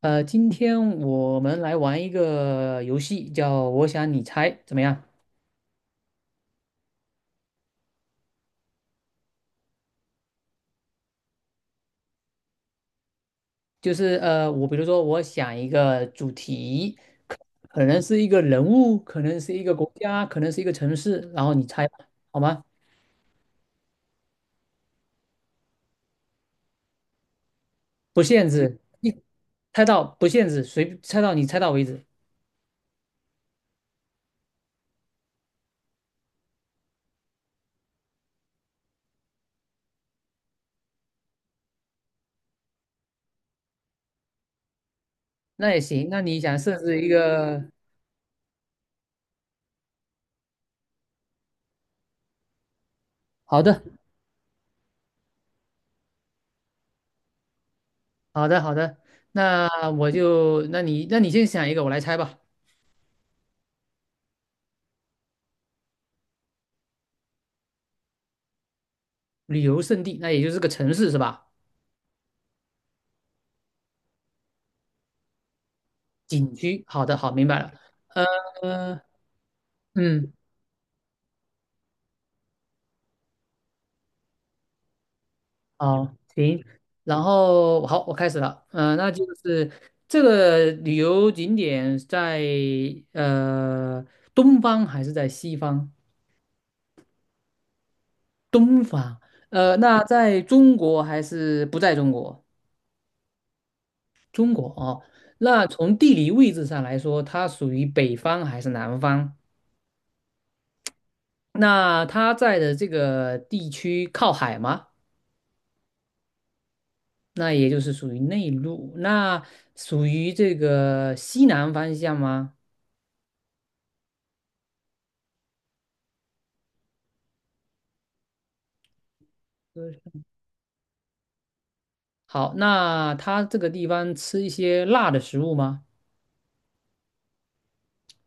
今天我们来玩一个游戏，叫"我想你猜"，怎么样？就是我比如说，我想一个主题，可能是一个人物，可能是一个国家，可能是一个城市，然后你猜吧，好吗？不限制，你猜到不限制，随猜到你猜到为止，那也行。那你想设置一个？好的，好的，好的。那我就，那你先想一个，我来猜吧。旅游胜地，那也就是个城市是吧？景区，好的，好，明白了。呃，嗯，好，行。然后好，我开始了。嗯，那就是这个旅游景点在呃东方还是在西方？东方。那在中国还是不在中国？中国哦。那从地理位置上来说，它属于北方还是南方？那它在的这个地区靠海吗？那也就是属于内陆，那属于这个西南方向吗？对，好，那它这个地方吃一些辣的食物吗？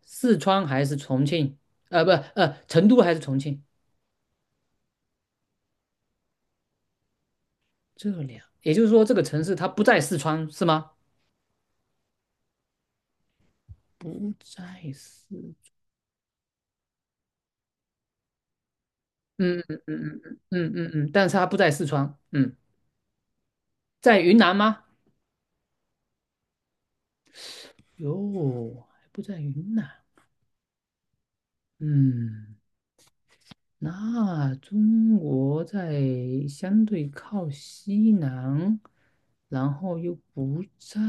四川还是重庆？不，成都还是重庆？也就是说这个城市它不在四川是吗？不在四，嗯嗯嗯嗯嗯嗯嗯。但是它不在四川，嗯，在云南吗？哟，还不在云南，嗯。那中国在相对靠西南，然后又不在，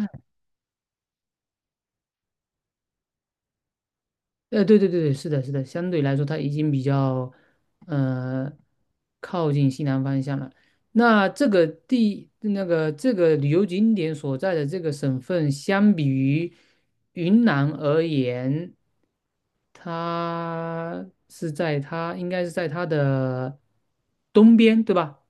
对对对对，是的，是的，相对来说它已经比较，呃，靠近西南方向了。那个这个旅游景点所在的这个省份，相比于云南而言，它应该是在它的东边，对吧？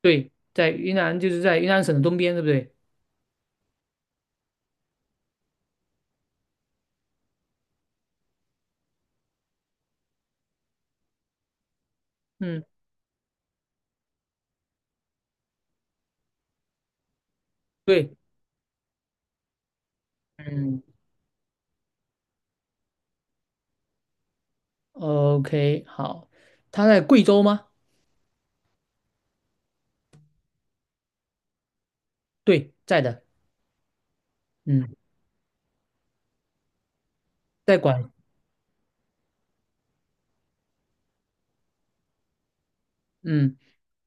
对，在云南就是在云南省的东边，对不对？嗯，对，嗯，OK，好，他在贵州吗？对，在的，嗯，在广，嗯，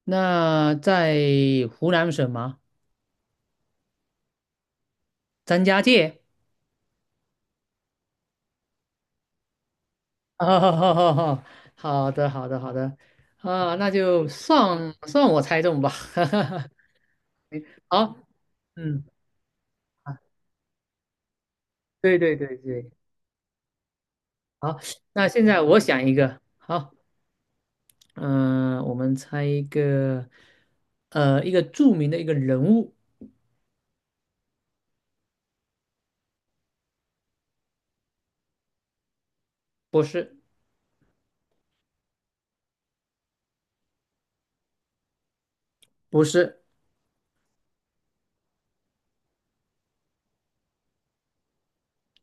那在湖南省吗？张家界，哈哈哦，好好好，好的，好的，好的，啊，那就算算我猜中吧，好，嗯，啊，对对对对，好，那现在我想一个，好，嗯、我们猜一个，一个著名的一个人物，不是，不是，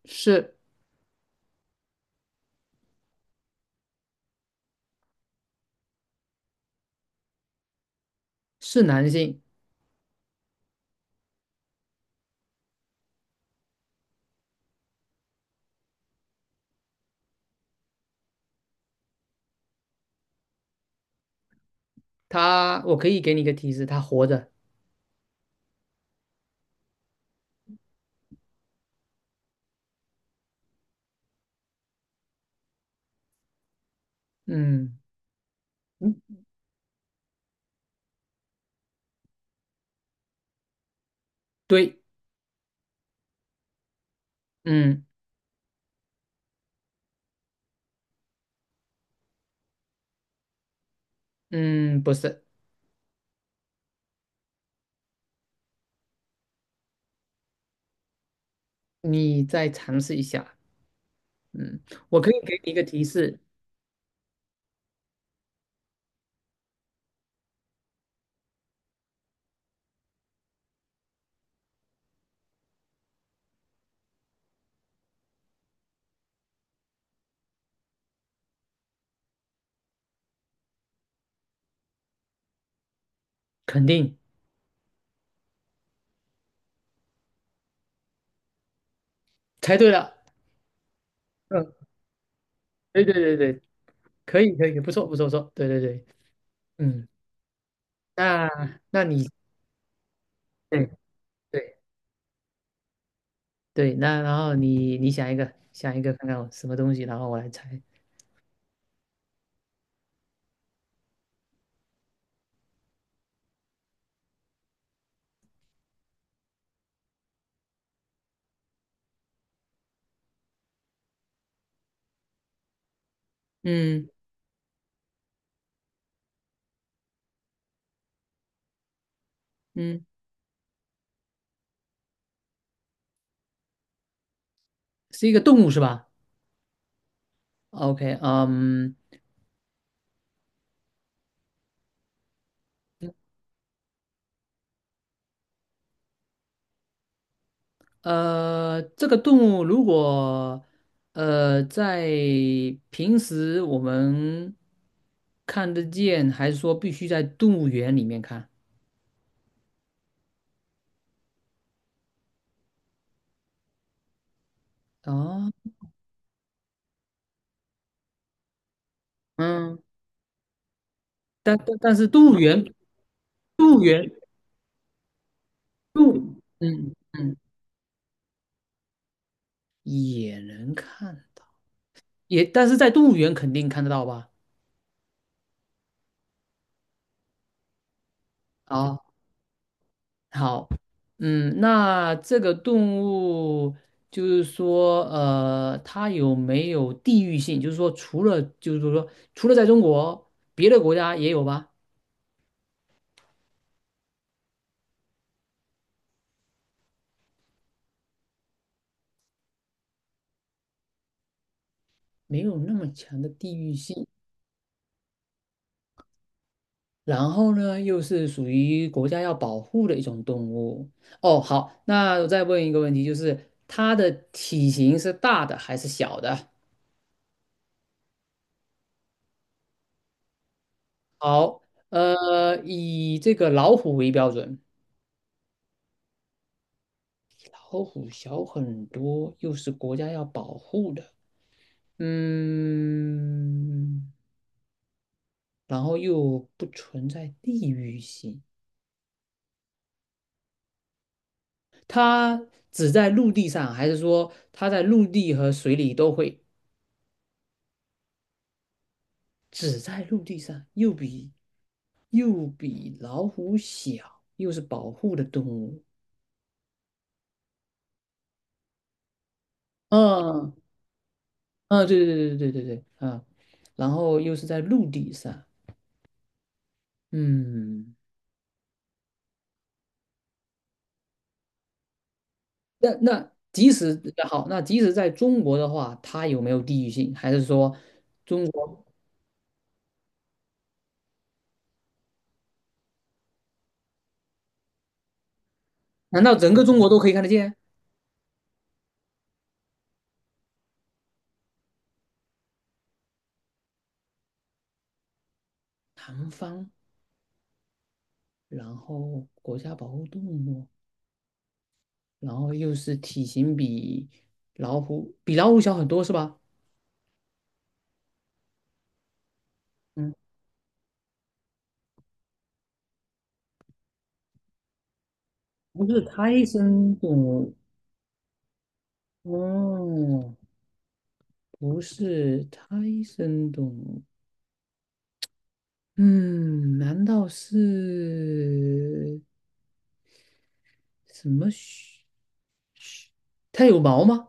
是是男性，他，我可以给你一个提示，他活着，嗯，嗯，对，嗯嗯，不是，你再尝试一下，嗯，我可以给你一个提示，肯定猜对了，嗯，对对对对，可以可以，不错不错不错，对对对，嗯，那那你对对。对，那然后你想一个，看看我什么东西，然后我来猜，嗯嗯，是一个动物是吧？OK，嗯，这个动物如果在平时我们看得见，还是说必须在动物园里面看？哦，嗯，但是动物园，动物园，动物嗯嗯，也能看到，也但是在动物园肯定看得到吧？啊、好，嗯，那这个动物就是说，它有没有地域性？就是说，除了在中国，别的国家也有吧？没有那么强的地域性。然后呢，又是属于国家要保护的一种动物。哦，好，那我再问一个问题，就是它的体型是大的还是小的？好，以这个老虎为标准。老虎小很多，又是国家要保护的，嗯，然后又不存在地域性，它只在陆地上，还是说它在陆地和水里都会？只在陆地上，又比老虎小，又是保护的动物，嗯嗯，对对对对对对对，啊，然后又是在陆地上，嗯。那那即使好，那即使在中国的话，它有没有地域性？还是说，难道整个中国都可以看得见？南方，然后国家保护动物，然后又是体型比老虎小很多是吧？嗯，不是胎生动物哦，不是胎生动物。嗯，难道是什么？它有毛吗？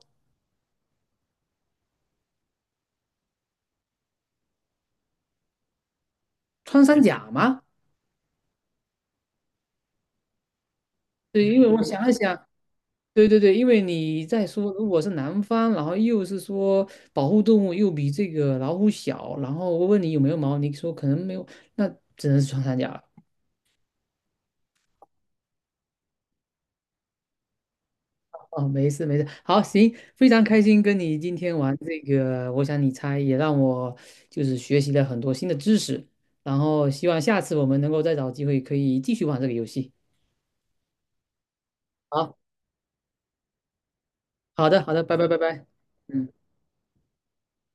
穿山甲吗？对，因为我想了想，对对对，因为你在说，如果是南方，然后又是说保护动物又比这个老虎小，然后我问你有没有毛，你说可能没有，那只能是穿山甲了。哦，没事没事，好，行，非常开心跟你今天玩这个，我想你猜也让我就是学习了很多新的知识，然后希望下次我们能够再找机会可以继续玩这个游戏。好，好的好的，拜拜拜拜，嗯。